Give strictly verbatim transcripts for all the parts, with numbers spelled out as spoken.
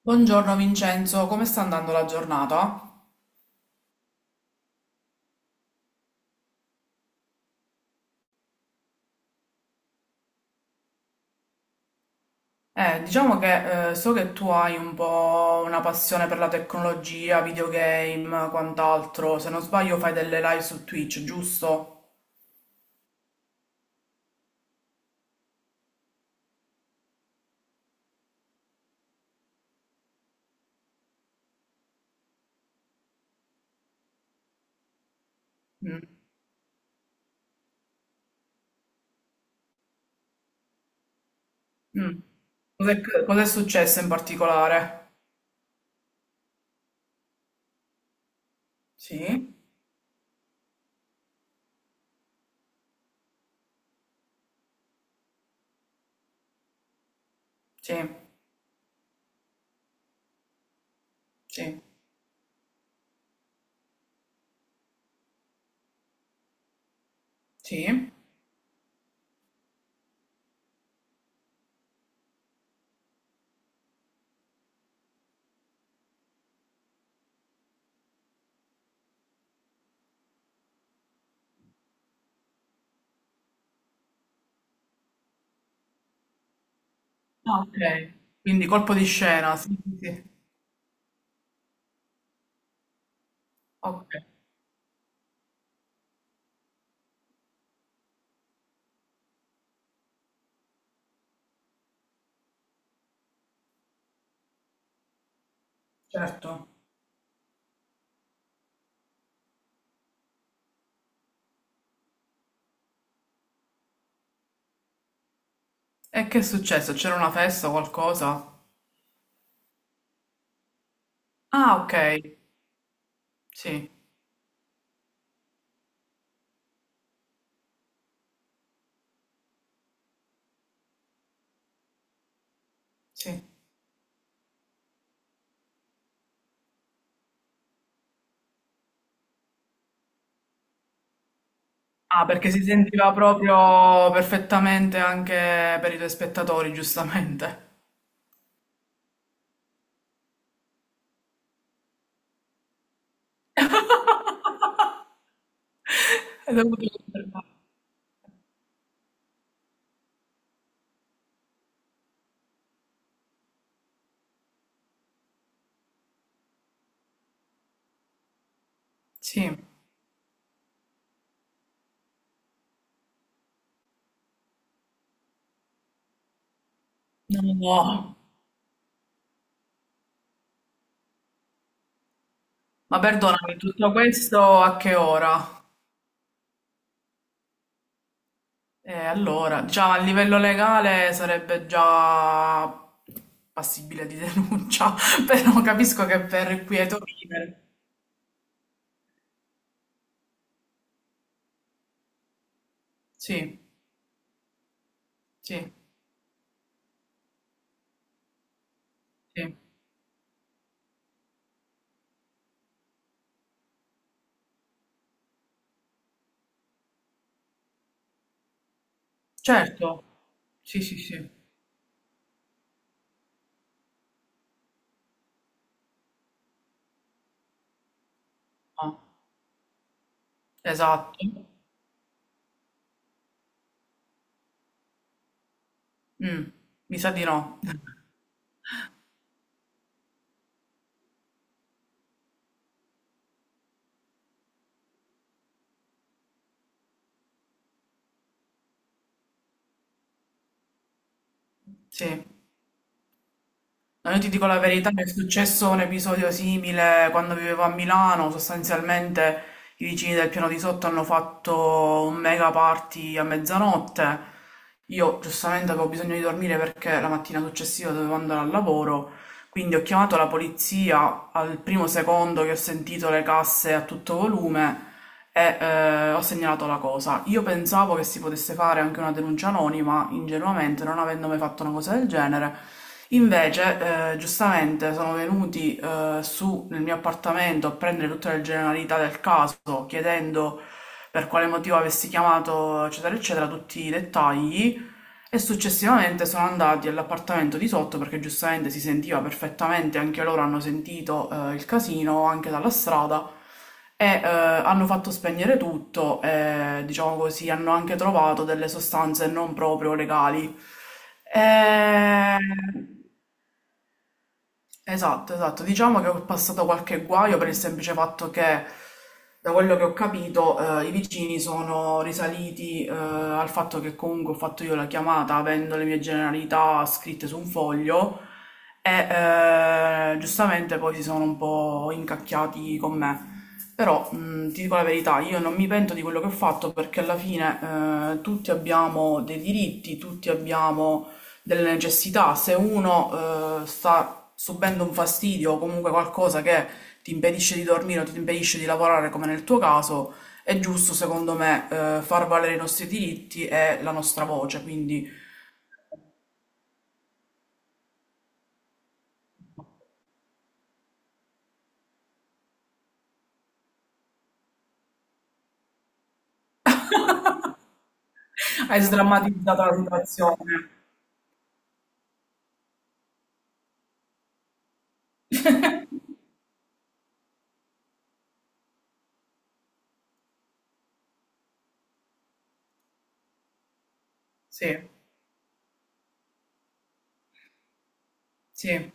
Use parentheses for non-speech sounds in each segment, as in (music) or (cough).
Buongiorno Vincenzo, come sta andando la giornata? Eh, diciamo che eh, so che tu hai un po' una passione per la tecnologia, videogame, quant'altro. Se non sbaglio fai delle live su Twitch, giusto? Mm, mm. Cos'è cos'è successo in particolare? Sì, sì, sì, sì. Ah, ok. Quindi colpo di scena, sì, sì, sì. Ok, certo. E che è successo? C'era una festa o qualcosa? Ah, ok, sì, sì. Ah, perché si sentiva proprio perfettamente anche per i tuoi spettatori, giustamente. (laughs) È dovuto confermare. Sì, no, no. Ma perdonami, tutto questo a che ora? Eh, allora, già a livello legale sarebbe già passibile di denuncia, (laughs) però capisco che per qui è Torino. Sì, sì, sì. Certo. Sì, sì, sì. No, esatto. Mm, mi sa di no. Sì. No, io ti dico la verità, mi è successo un episodio simile quando vivevo a Milano, sostanzialmente i vicini del piano di sotto hanno fatto un mega party a mezzanotte. Io giustamente avevo bisogno di dormire perché la mattina successiva dovevo andare al lavoro. Quindi ho chiamato la polizia al primo secondo che ho sentito le casse a tutto volume e eh, ho segnalato la cosa. Io pensavo che si potesse fare anche una denuncia anonima, ingenuamente, non avendo mai fatto una cosa del genere. Invece, eh, giustamente, sono venuti eh, su nel mio appartamento a prendere tutte le generalità del caso, chiedendo per quale motivo avessi chiamato, eccetera, eccetera, tutti i dettagli. E successivamente sono andati all'appartamento di sotto perché giustamente si sentiva perfettamente, anche loro hanno sentito eh, il casino anche dalla strada e eh, hanno fatto spegnere tutto e diciamo così hanno anche trovato delle sostanze non proprio legali. E... Esatto, esatto. Diciamo che ho passato qualche guaio per il semplice fatto che, da quello che ho capito, eh, i vicini sono risaliti, eh, al fatto che comunque ho fatto io la chiamata avendo le mie generalità scritte su un foglio e eh, giustamente poi si sono un po' incacchiati con me. Però, mh, ti dico la verità, io non mi pento di quello che ho fatto perché alla fine, eh, tutti abbiamo dei diritti, tutti abbiamo delle necessità. Se uno eh, sta subendo un fastidio o comunque qualcosa che ti impedisce di dormire o ti impedisce di lavorare, come nel tuo caso, è giusto, secondo me, eh, far valere i nostri diritti e la nostra voce. Quindi (laughs) hai sdrammatizzato la situazione. Sì, sì.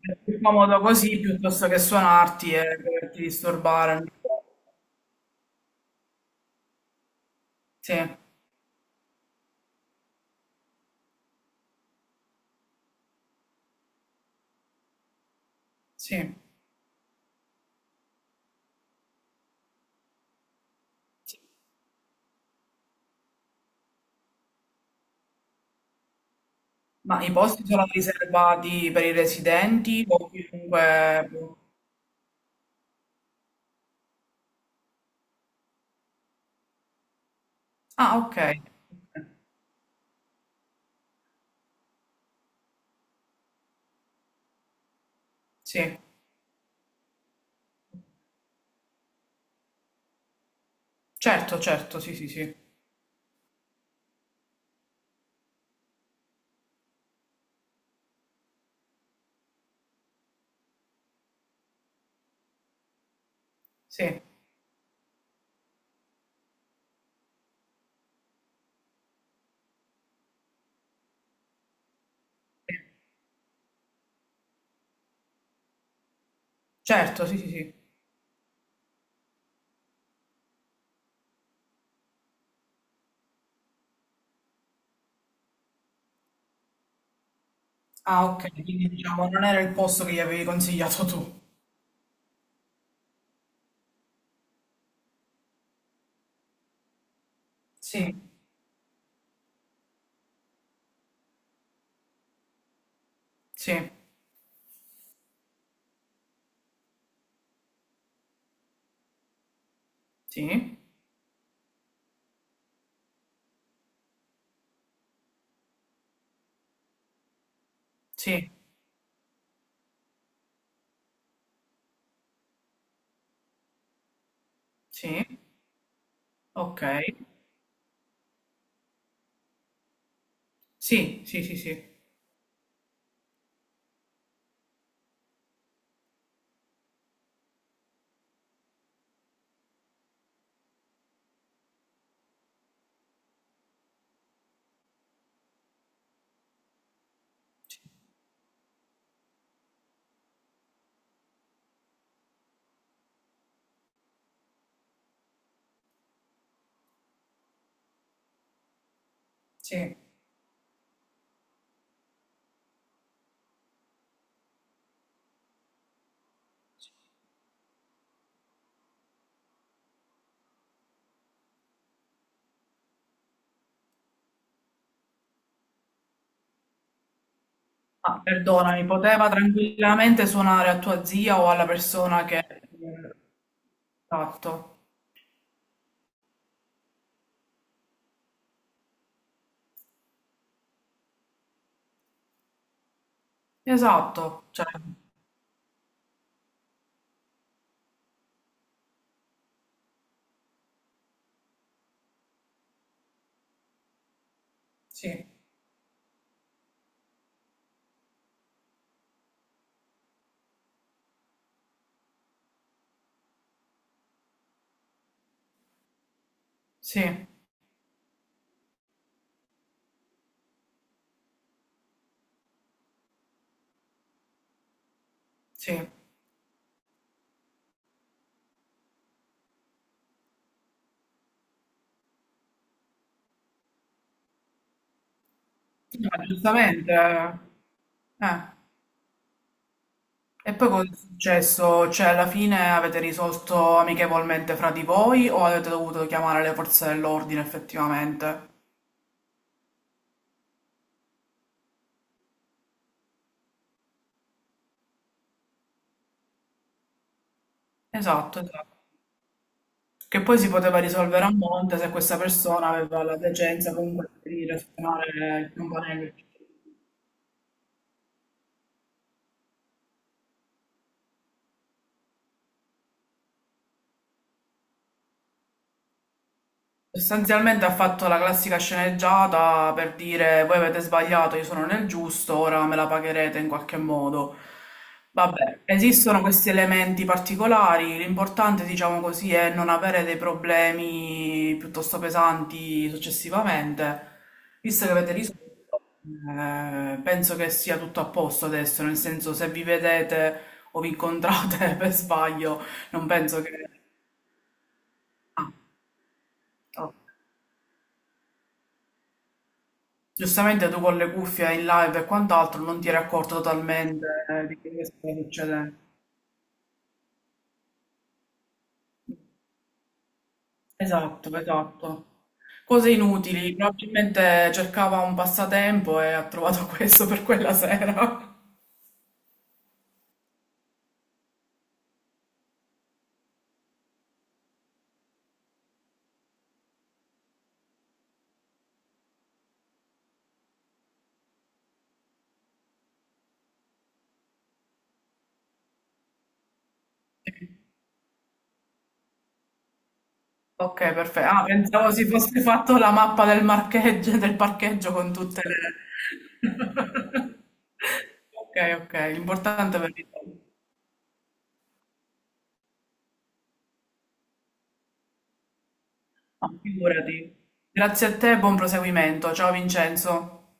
È più comodo così piuttosto che suonarti e doverti disturbare. Sì, sì. Sì. Ma i posti sono riservati per i residenti o chiunque... Ah, ok. Ok. Sì. Certo, certo, sì, sì, sì. Sì. Certo, sì, sì, sì. Ah, ok, quindi diciamo non era il posto che gli avevi consigliato tu. Sì, sì, sì, sì, sì, ok. Sì, sì, sì, sì, sì. Ah, perdonami, poteva tranquillamente suonare a tua zia o alla persona che... Esatto, esatto, cioè, sì, sì, sì. No, giustamente, eh. Eh. E poi cosa è successo? Cioè, alla fine avete risolto amichevolmente fra di voi o avete dovuto chiamare le forze dell'ordine effettivamente? Esatto, esatto. Che poi si poteva risolvere a monte se questa persona aveva la decenza comunque di razionare il campanello. Sostanzialmente ha fatto la classica sceneggiata per dire voi avete sbagliato, io sono nel giusto, ora me la pagherete in qualche modo. Vabbè, esistono questi elementi particolari, l'importante, diciamo così, è non avere dei problemi piuttosto pesanti successivamente. Visto che avete risolto, eh, penso che sia tutto a posto adesso, nel senso se vi vedete o vi incontrate (laughs) per sbaglio, non penso che... Ah, ok. Giustamente tu con le cuffie in live e quant'altro non ti eri accorto totalmente eh, di quello che stava succedendo. Esatto, esatto. Cose inutili, probabilmente cercava un passatempo e ha trovato (laughs) questo per quella sera. Ok, perfetto. Ah, pensavo si fosse fatto la mappa del marcheggio, del parcheggio con tutte le... (laughs) Ok, ok, l'importante è per il... Ah, figurati. Grazie a te e buon proseguimento. Ciao Vincenzo.